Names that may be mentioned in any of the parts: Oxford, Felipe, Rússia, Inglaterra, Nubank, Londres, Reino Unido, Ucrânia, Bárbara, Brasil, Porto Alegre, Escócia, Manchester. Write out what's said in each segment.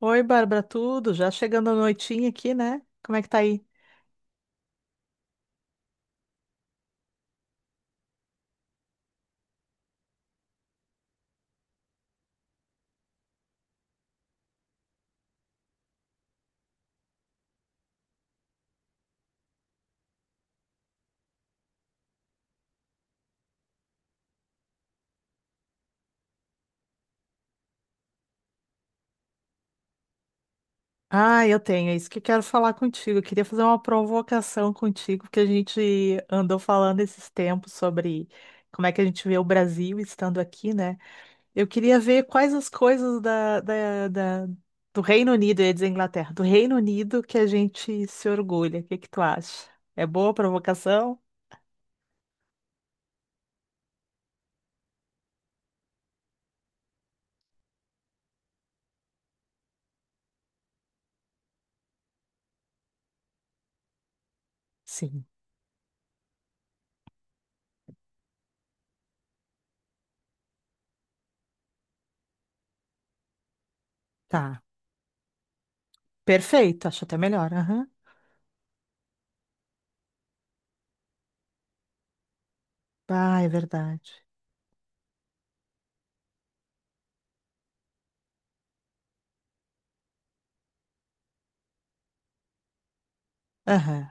Oi, Bárbara, tudo? Já chegando a noitinha aqui, né? Como é que tá aí? Ah, eu tenho, é isso que eu quero falar contigo. Eu queria fazer uma provocação contigo, porque a gente andou falando esses tempos sobre como é que a gente vê o Brasil estando aqui, né? Eu queria ver quais as coisas da, da- da- do Reino Unido, eu ia dizer Inglaterra, do Reino Unido que a gente se orgulha. O que que tu acha? É boa a provocação? Sim. Tá. Perfeito, acho até melhor. Aham. Ah, é verdade. Aham.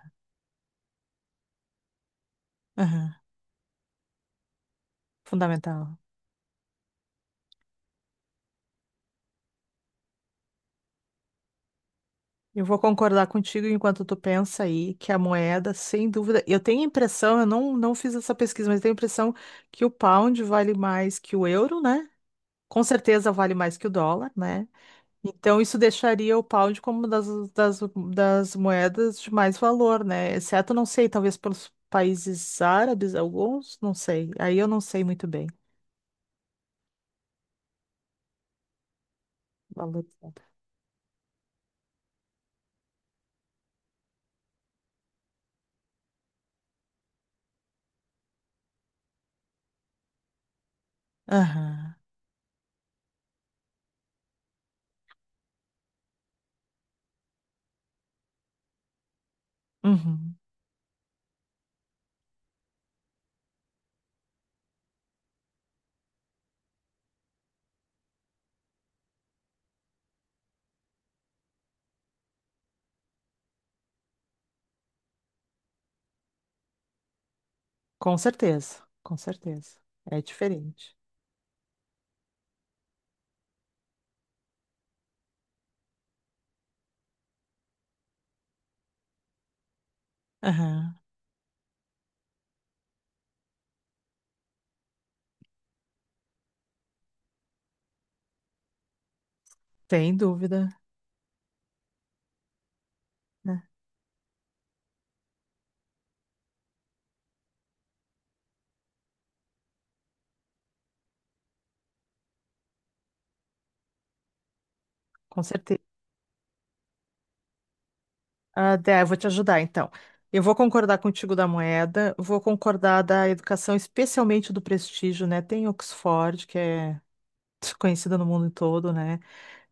Aham. Fundamental. Eu vou concordar contigo enquanto tu pensa aí que a moeda, sem dúvida, eu tenho a impressão, eu não fiz essa pesquisa, mas eu tenho a impressão que o pound vale mais que o euro, né? Com certeza vale mais que o dólar, né? Então isso deixaria o pound como uma das, das moedas de mais valor, né? Exceto, não sei, talvez pelos países árabes, alguns, não sei. Aí eu não sei muito bem. Valorizado. Aham. Uhum. Com certeza, com certeza. É diferente. Aham. Sem dúvida, né? Com certeza. Ah, Dé, eu vou te ajudar, então. Eu vou concordar contigo da moeda, vou concordar da educação, especialmente do prestígio, né? Tem Oxford, que é conhecida no mundo todo, né?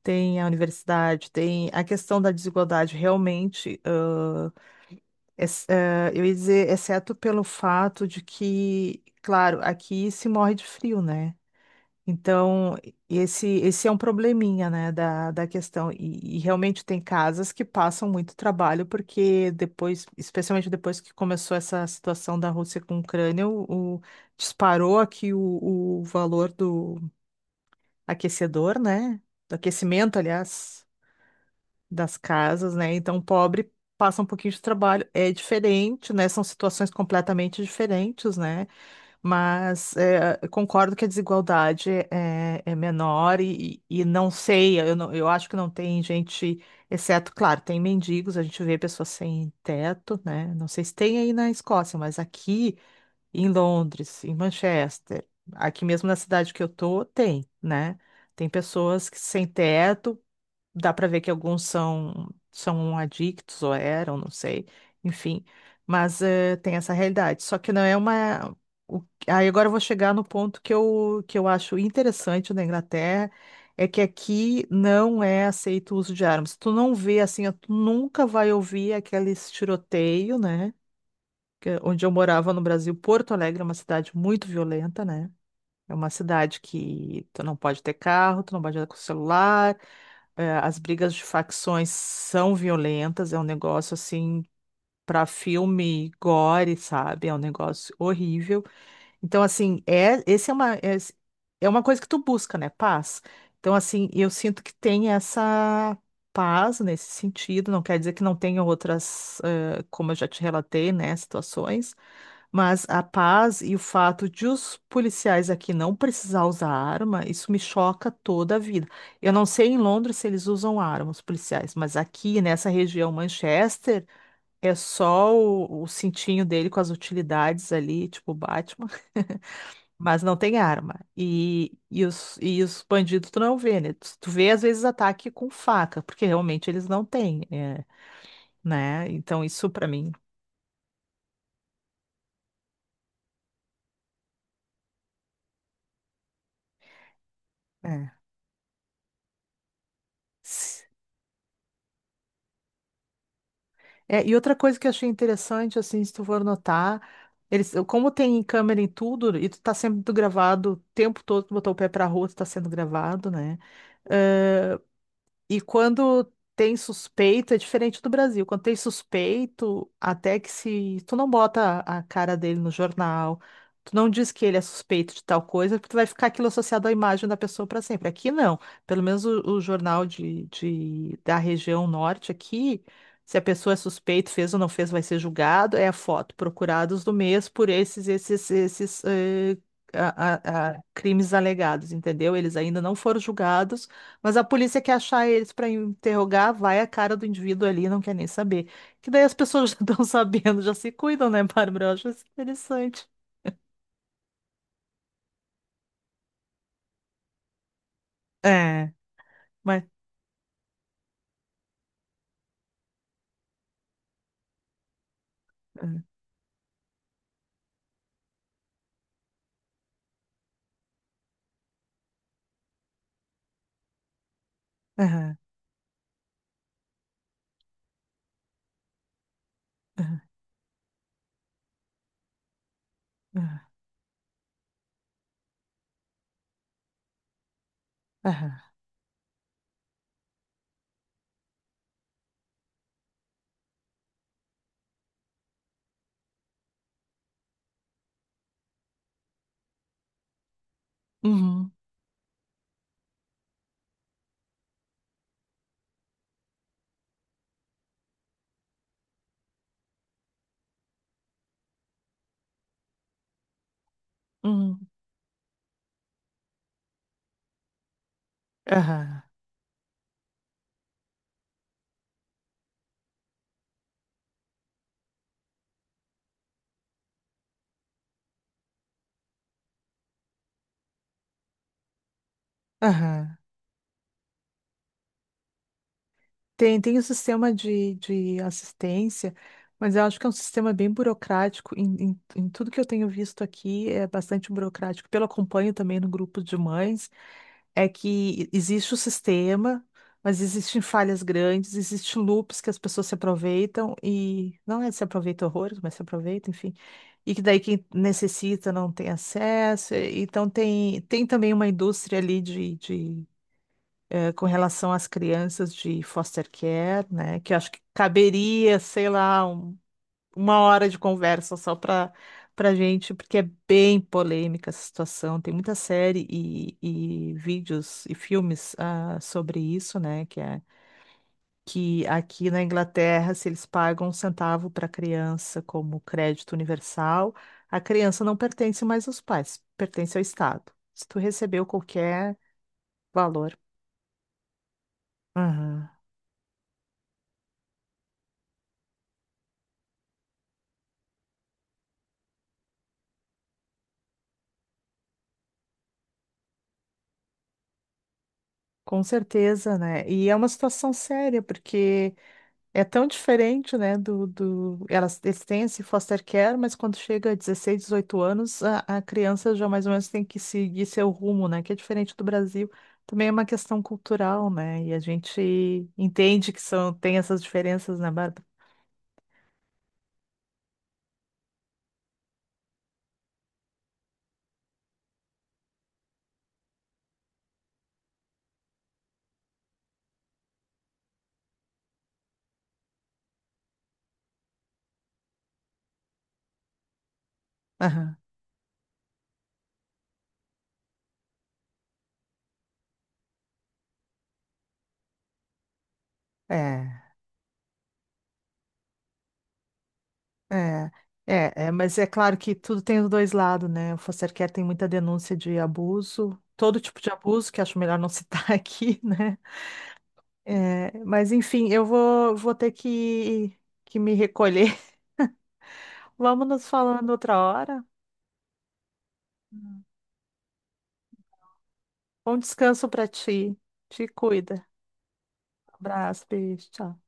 Tem a universidade, tem a questão da desigualdade, realmente, eu ia dizer, exceto pelo fato de que, claro, aqui se morre de frio, né? Então, esse é um probleminha, né, da questão. E realmente tem casas que passam muito trabalho, porque depois, especialmente depois que começou essa situação da Rússia com a Ucrânia, disparou aqui o valor do aquecedor, né? Do aquecimento, aliás, das casas, né? Então, o pobre passa um pouquinho de trabalho. É diferente, né? São situações completamente diferentes, né? Mas é, eu concordo que a desigualdade é menor e não sei, eu acho que não tem gente, exceto, claro, tem mendigos, a gente vê pessoas sem teto, né? Não sei se tem aí na Escócia, mas aqui em Londres, em Manchester, aqui mesmo na cidade que eu tô, tem, né? Tem pessoas que sem teto, dá para ver que alguns são adictos ou eram, não sei, enfim, mas tem essa realidade. Só que não é o- Aí agora eu vou chegar no ponto que eu acho interessante na Inglaterra, é que aqui não é aceito o uso de armas. Tu não vê assim, ó, tu nunca vai ouvir aqueles tiroteio, né? Onde eu morava no Brasil, Porto Alegre é uma cidade muito violenta, né? É uma cidade que tu não pode ter carro, tu não pode andar com celular, as brigas de facções são violentas, é um negócio assim para filme gore, sabe? É um negócio horrível. Então, assim, esse é uma coisa que tu busca, né? Paz. Então, assim, eu sinto que tem essa paz nesse sentido. Não quer dizer que não tenha outras, como eu já te relatei, né? Situações. Mas a paz e o fato de os policiais aqui não precisar usar arma, isso me choca toda a vida. Eu não sei em Londres se eles usam arma, os policiais, mas aqui nessa região, Manchester, é só o cintinho dele com as utilidades ali, tipo Batman, mas não tem arma. E os bandidos tu não vê, né? Tu vê às vezes ataque com faca, porque realmente eles não têm, né? Então isso pra mim. É. É, e outra coisa que eu achei interessante, assim, se tu for notar, eles, como tem câmera em tudo, e tu tá sendo gravado o tempo todo, tu botou o pé pra rua, tu tá sendo gravado, né? E quando tem suspeito, é diferente do Brasil. Quando tem suspeito, até que se tu não bota a cara dele no jornal, tu não diz que ele é suspeito de tal coisa, porque tu vai ficar aquilo associado à imagem da pessoa para sempre. Aqui não. Pelo menos o jornal de- da região norte aqui, se a pessoa é suspeita, fez ou não fez, vai ser julgado, é a foto. Procurados do mês por esses, esses, esses, eh, a crimes alegados, entendeu? Eles ainda não foram julgados, mas a polícia quer achar eles para interrogar, vai a cara do indivíduo ali, não quer nem saber. Que daí as pessoas já estão sabendo, já se cuidam, né, Bárbara? Eu acho isso interessante. É, mas. é, Aham, aham, aham, aham. Uhum, uhum, aham, aham. Tem, tem o sistema de assistência, mas eu acho que é um sistema bem burocrático. Em tudo que eu tenho visto aqui, é bastante burocrático. Pelo acompanho também no grupo de mães. Que existe o sistema, mas existem falhas grandes, existem loops que as pessoas se aproveitam e não é se aproveita horrores, mas se aproveita, enfim. E que daí quem necessita não tem acesso. Então tem, tem também uma indústria ali de com relação às crianças de foster care, né? Que eu acho que caberia, sei lá, uma hora de conversa só para gente, porque é bem polêmica essa situação. Tem muita série e vídeos e filmes sobre isso, né? Que aqui na Inglaterra, se eles pagam um centavo para a criança como crédito universal, a criança não pertence mais aos pais, pertence ao Estado. Se tu recebeu qualquer valor. Aham. Com certeza, né? E é uma situação séria, porque é tão diferente, né, do, do... Elas, eles têm esse foster care, mas quando chega a 16, 18 anos, a criança já mais ou menos tem que seguir seu rumo, né, que é diferente do Brasil. Também é uma questão cultural, né, e a gente entende que são, tem essas diferenças, né, Bárbara? Aham. É, é, é, mas é claro que tudo tem os dois lados, né? O foster care tem muita denúncia de abuso, todo tipo de abuso, que acho melhor não citar aqui, né? É, mas enfim, eu vou ter que me recolher. Vamos nos falando outra hora. Bom descanso para ti. Te cuida. Abraço, beijo, tchau.